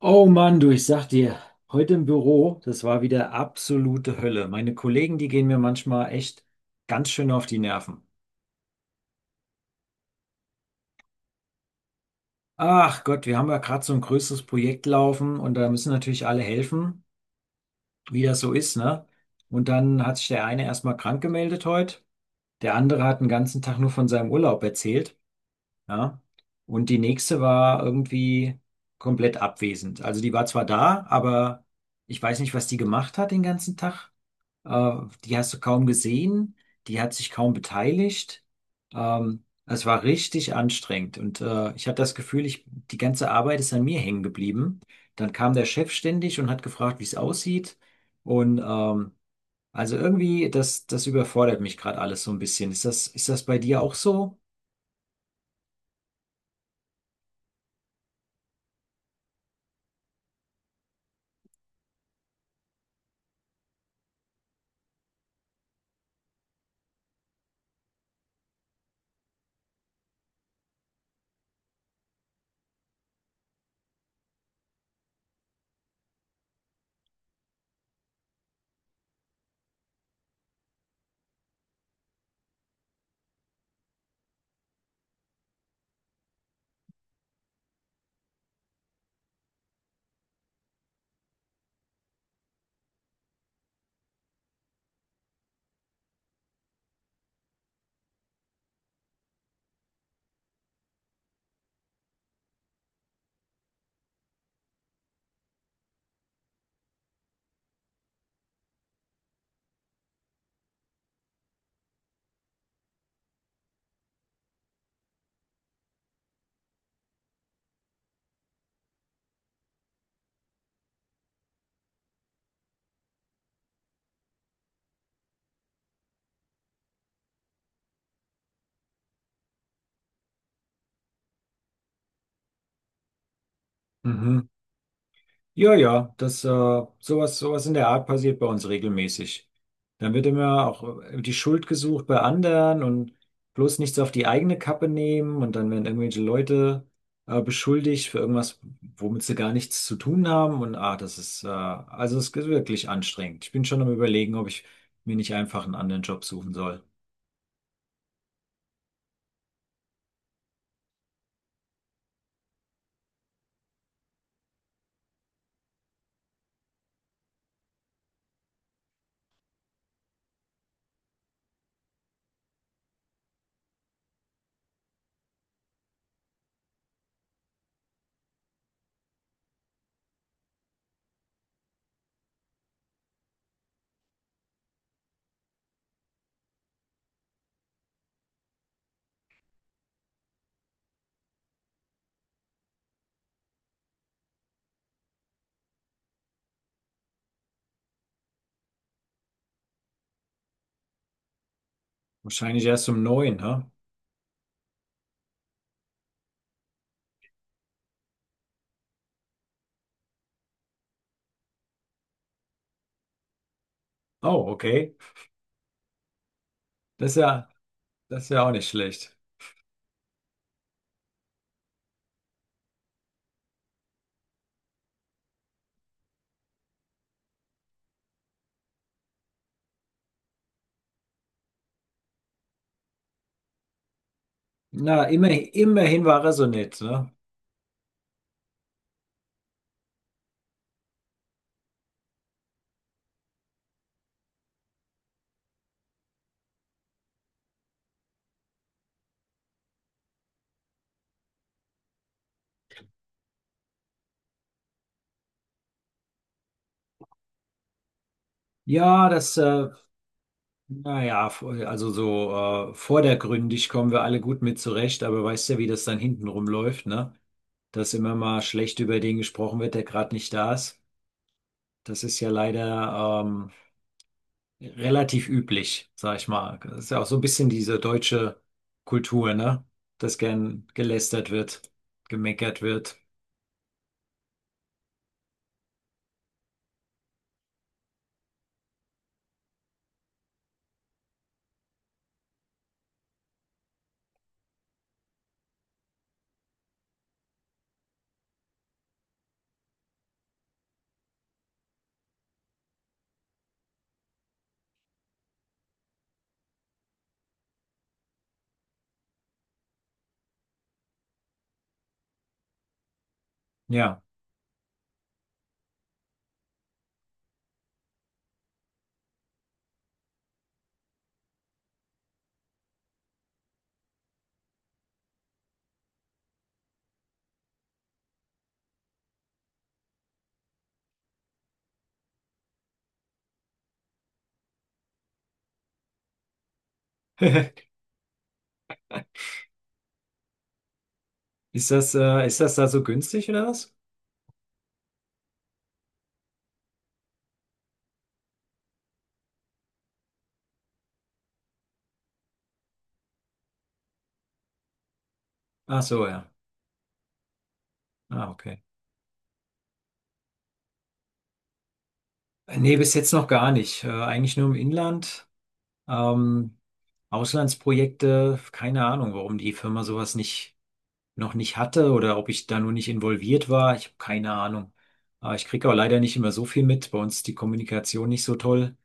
Oh Mann, du, ich sag dir, heute im Büro, das war wieder absolute Hölle. Meine Kollegen, die gehen mir manchmal echt ganz schön auf die Nerven. Ach Gott, wir haben ja gerade so ein größeres Projekt laufen und da müssen natürlich alle helfen, wie das so ist, ne? Und dann hat sich der eine erstmal krank gemeldet heute, der andere hat den ganzen Tag nur von seinem Urlaub erzählt, ja? Und die nächste war irgendwie komplett abwesend. Also die war zwar da, aber ich weiß nicht, was die gemacht hat den ganzen Tag. Äh, Die hast du kaum gesehen, die hat sich kaum beteiligt. Es war richtig anstrengend und ich hatte das Gefühl, die ganze Arbeit ist an mir hängen geblieben. Dann kam der Chef ständig und hat gefragt, wie es aussieht. Und ähm, also irgendwie, das überfordert mich gerade alles so ein bisschen. Ist das bei dir auch so? Mhm. Ja, ja, sowas, sowas in der Art passiert bei uns regelmäßig. Dann wird immer auch die Schuld gesucht bei anderen und bloß nichts auf die eigene Kappe nehmen und dann werden irgendwelche Leute beschuldigt für irgendwas, womit sie gar nichts zu tun haben und ah, das ist, also es ist wirklich anstrengend. Ich bin schon am Überlegen, ob ich mir nicht einfach einen anderen Job suchen soll. Wahrscheinlich erst um neun, hä? Oh, okay. Das ist ja, das ist ja auch nicht schlecht. Na, immer, immerhin war er so nett, ne? Ja, naja, also so vordergründig kommen wir alle gut mit zurecht, aber weißt ja, wie das dann hinten rumläuft, ne? Dass immer mal schlecht über den gesprochen wird, der gerade nicht da ist. Das ist ja leider relativ üblich, sag ich mal. Das ist ja auch so ein bisschen diese deutsche Kultur, ne? Dass gern gelästert wird, gemeckert wird. Ja. Ist das da so günstig oder was? Ach so, ja. Ah, okay. Nee, bis jetzt noch gar nicht. Eigentlich nur im Inland. Ähm, Auslandsprojekte, keine Ahnung, warum die Firma sowas nicht, noch nicht hatte oder ob ich da nur nicht involviert war. Ich habe keine Ahnung. Ich kriege auch leider nicht immer so viel mit. Bei uns ist die Kommunikation nicht so toll.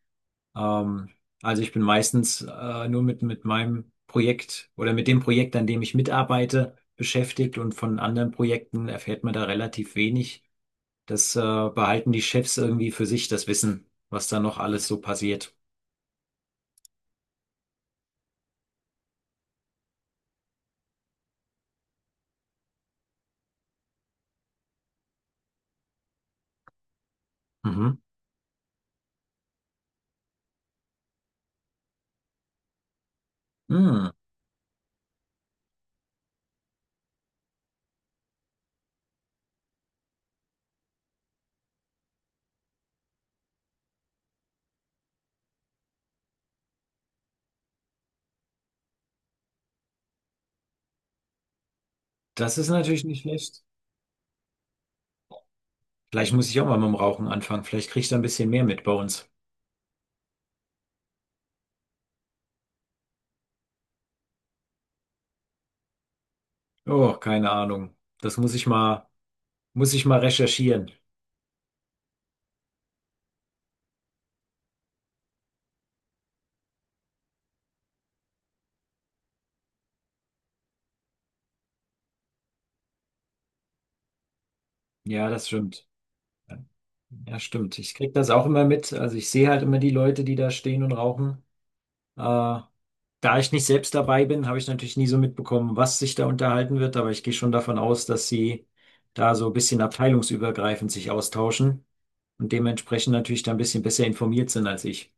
Ähm, also ich bin meistens nur mit meinem Projekt oder mit dem Projekt, an dem ich mitarbeite, beschäftigt und von anderen Projekten erfährt man da relativ wenig. Das behalten die Chefs irgendwie für sich, das Wissen, was da noch alles so passiert. Mhm. Hm, das ist natürlich nicht schlecht. Vielleicht muss ich auch mal mit dem Rauchen anfangen. Vielleicht kriege ich da ein bisschen mehr mit bei uns. Oh, keine Ahnung. Das muss ich mal, Muss ich mal recherchieren. Ja, das stimmt. Ja, stimmt. Ich kriege das auch immer mit. Also ich sehe halt immer die Leute, die da stehen und rauchen. Äh, Da ich nicht selbst dabei bin, habe ich natürlich nie so mitbekommen, was sich da unterhalten wird, aber ich gehe schon davon aus, dass sie da so ein bisschen abteilungsübergreifend sich austauschen und dementsprechend natürlich da ein bisschen besser informiert sind als ich.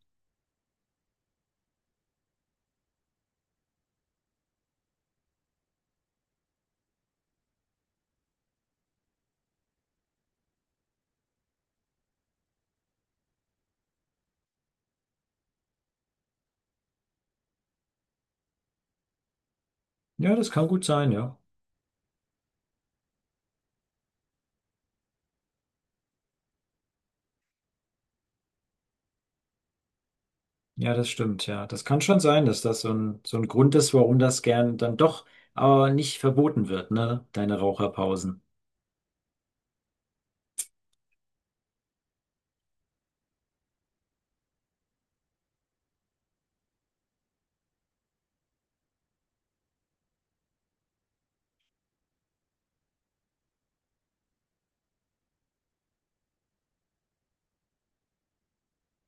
Ja, das kann gut sein, ja. Ja, das stimmt, ja. Das kann schon sein, dass das so so ein Grund ist, warum das gern dann doch aber nicht verboten wird, ne? Deine Raucherpausen.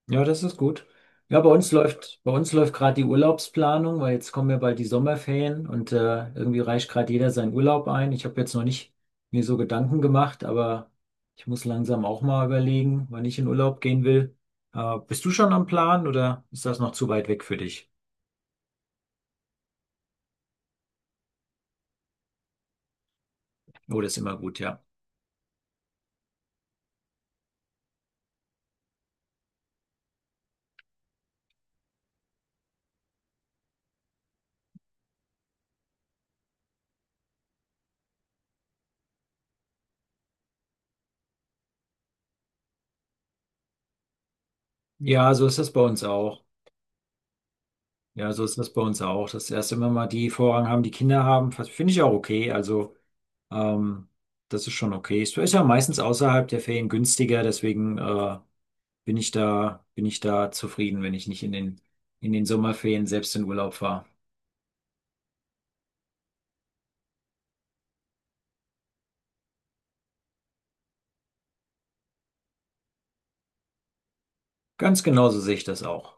Ja, das ist gut. Ja, bei uns läuft gerade die Urlaubsplanung, weil jetzt kommen ja bald die Sommerferien und irgendwie reicht gerade jeder seinen Urlaub ein. Ich habe jetzt noch nicht mir so Gedanken gemacht, aber ich muss langsam auch mal überlegen, wann ich in Urlaub gehen will. Bist du schon am Plan oder ist das noch zu weit weg für dich? Oh, das ist immer gut, ja. Ja, so ist das bei uns auch. Ja, so ist das bei uns auch. Dass erst immer mal die Vorrang haben, die Kinder haben, finde ich auch okay. Also. Ähm, das ist schon okay. Es ist ja meistens außerhalb der Ferien günstiger, deswegen bin ich da zufrieden, wenn ich nicht in in den Sommerferien selbst in Urlaub fahre. Ganz genauso sehe ich das auch.